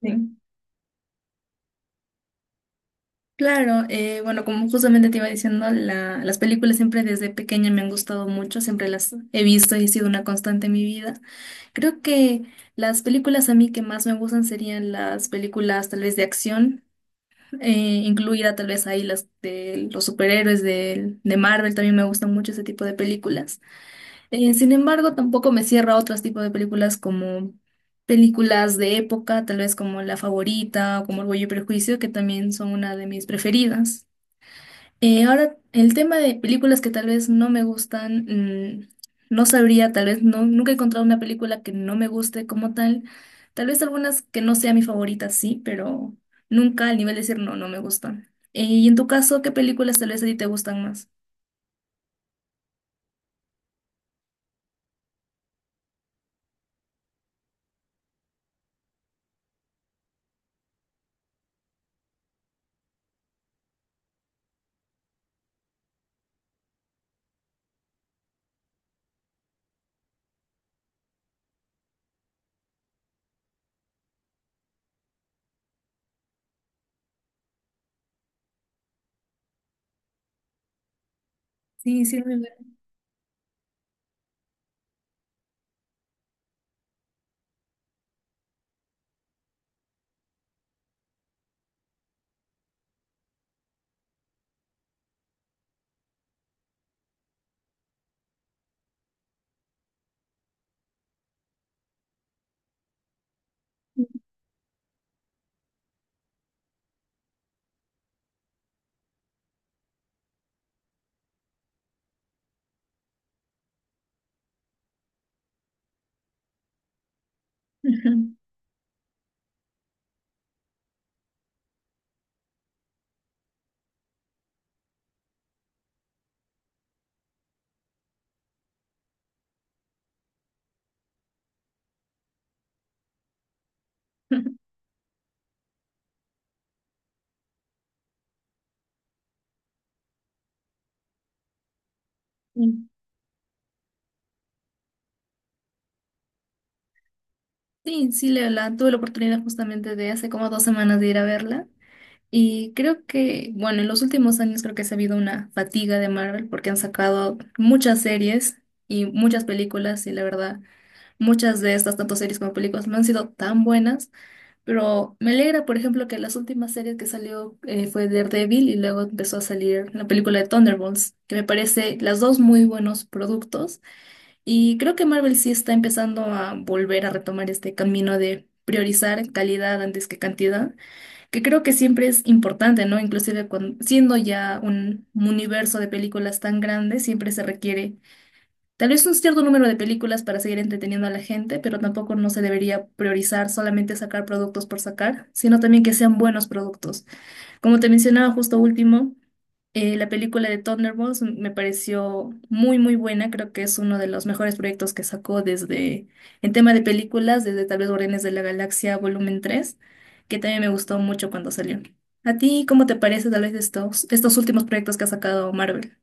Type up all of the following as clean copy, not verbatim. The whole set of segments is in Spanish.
Sí, claro, bueno, como justamente te iba diciendo, las películas siempre desde pequeña me han gustado mucho, siempre las he visto y ha sido una constante en mi vida. Creo que las películas a mí que más me gustan serían las películas tal vez de acción, eh, incluida tal vez ahí las de los superhéroes de Marvel, también me gustan mucho ese tipo de películas. Sin embargo, tampoco me cierra a otros tipos de películas como películas de época, tal vez como La Favorita o como Orgullo y Prejuicio, que también son una de mis preferidas. Ahora, el tema de películas que tal vez no me gustan, no sabría, tal vez no, nunca he encontrado una película que no me guste como tal. Tal vez algunas que no sea mi favorita, sí, pero nunca al nivel de decir no, no me gustan. Y en tu caso, ¿qué películas tal vez a ti te gustan más? Sí, sí, muy bien. Sí, sí, tuve la oportunidad justamente de hace como 2 semanas de ir a verla y creo que, bueno, en los últimos años creo que se ha habido una fatiga de Marvel porque han sacado muchas series y muchas películas y la verdad, muchas de estas, tanto series como películas, no han sido tan buenas, pero me alegra, por ejemplo, que las últimas series que salió fue Daredevil y luego empezó a salir la película de Thunderbolts, que me parece las dos muy buenos productos. Y creo que Marvel sí está empezando a volver a retomar este camino de priorizar calidad antes que cantidad, que creo que siempre es importante, ¿no? Inclusive cuando, siendo ya un universo de películas tan grande, siempre se requiere tal vez un cierto número de películas para seguir entreteniendo a la gente, pero tampoco no se debería priorizar solamente sacar productos por sacar, sino también que sean buenos productos. Como te mencionaba justo último, la película de Thunderbolts me pareció muy, muy buena. Creo que es uno de los mejores proyectos que sacó desde, en tema de películas, desde tal vez Guardianes de la Galaxia Volumen 3, que también me gustó mucho cuando salió. ¿A ti cómo te parece tal vez estos, estos últimos proyectos que ha sacado Marvel?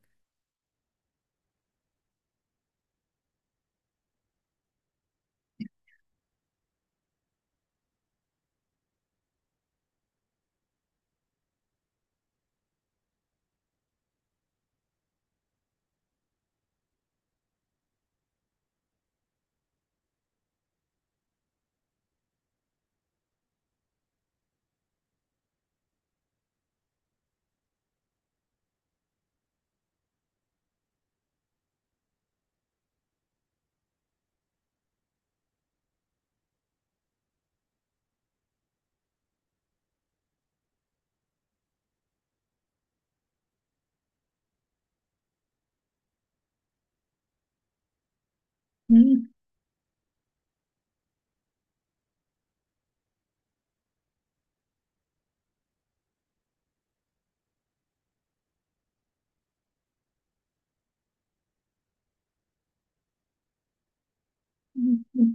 Mm, mm, mm,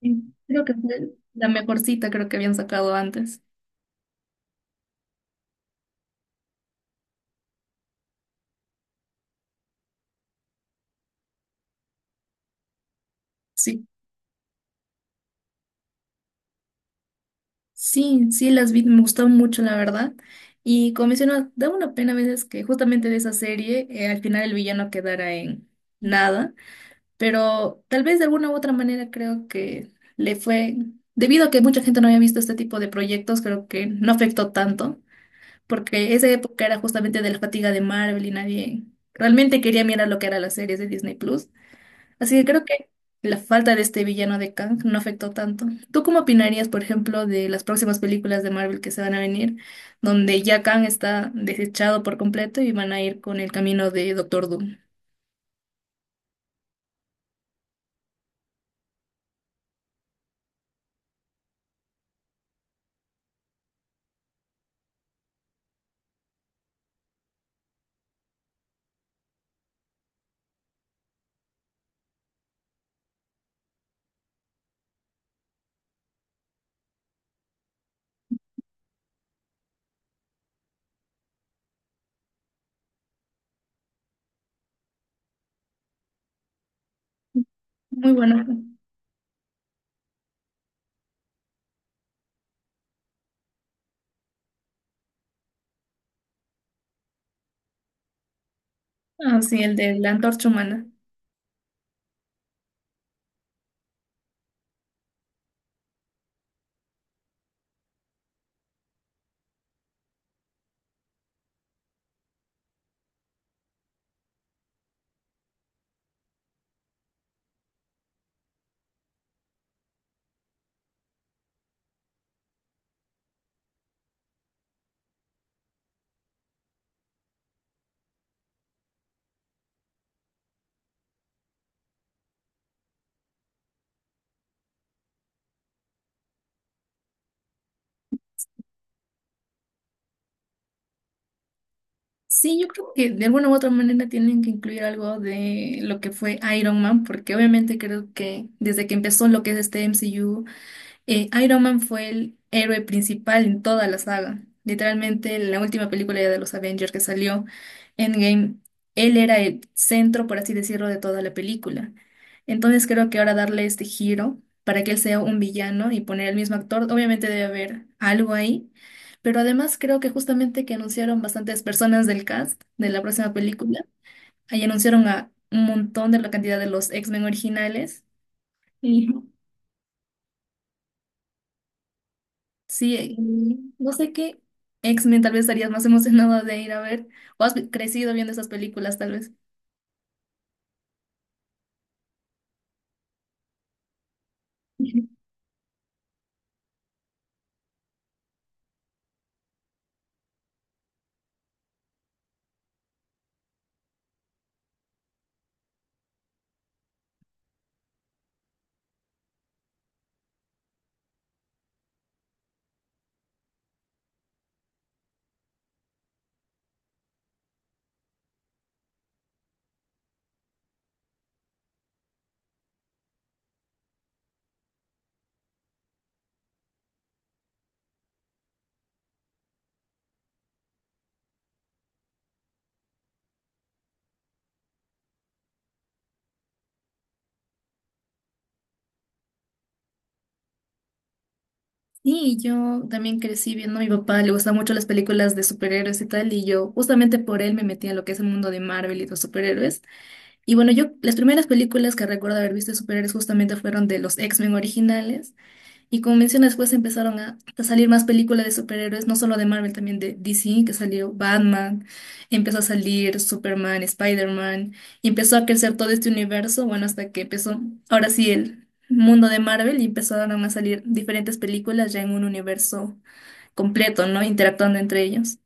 mm. Creo que fue la mejorcita, creo que habían sacado antes. Sí, sí, sí, las vi, me gustaron mucho, la verdad. Y como mencionas, da una pena a veces que justamente de esa serie al final el villano quedara en nada, pero tal vez de alguna u otra manera creo que le fue, debido a que mucha gente no había visto este tipo de proyectos, creo que no afectó tanto, porque esa época era justamente de la fatiga de Marvel y nadie realmente quería mirar lo que era las series de Disney Plus. Así que creo que la falta de este villano de Kang no afectó tanto. ¿Tú cómo opinarías, por ejemplo, de las próximas películas de Marvel que se van a venir, donde ya Kang está desechado por completo y van a ir con el camino de Doctor Doom? Muy bueno. Ah, sí, el de la antorcha humana. Sí, yo creo que de alguna u otra manera tienen que incluir algo de lo que fue Iron Man, porque obviamente creo que desde que empezó lo que es este MCU, Iron Man fue el héroe principal en toda la saga. Literalmente, en la última película ya de los Avengers que salió, Endgame, él era el centro, por así decirlo, de toda la película. Entonces creo que ahora darle este giro para que él sea un villano y poner al mismo actor, obviamente debe haber algo ahí. Pero además creo que justamente que anunciaron bastantes personas del cast de la próxima película. Ahí anunciaron a un montón de la cantidad de los X-Men originales. Sí, y no sé qué X-Men tal vez estarías más emocionada de ir a ver, o has crecido viendo esas películas tal vez. Ujú. Sí, yo también crecí viendo a mi papá, le gustan mucho las películas de superhéroes y tal, y yo justamente por él me metí a lo que es el mundo de Marvel y los superhéroes. Y bueno, yo las primeras películas que recuerdo haber visto de superhéroes justamente fueron de los X-Men originales. Y como mencionas, después empezaron a salir más películas de superhéroes, no solo de Marvel, también de DC, que salió Batman, empezó a salir Superman, Spider-Man, y empezó a crecer todo este universo, bueno, hasta que empezó, ahora sí, el mundo de Marvel, y empezaron a salir diferentes películas ya en un universo completo, ¿no? Interactuando entre ellos.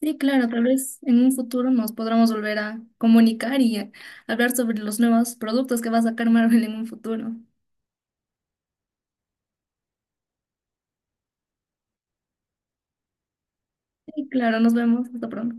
Sí, claro, tal vez en un futuro nos podremos volver a comunicar y a hablar sobre los nuevos productos que va a sacar Marvel en un futuro. Sí, claro, nos vemos, hasta pronto.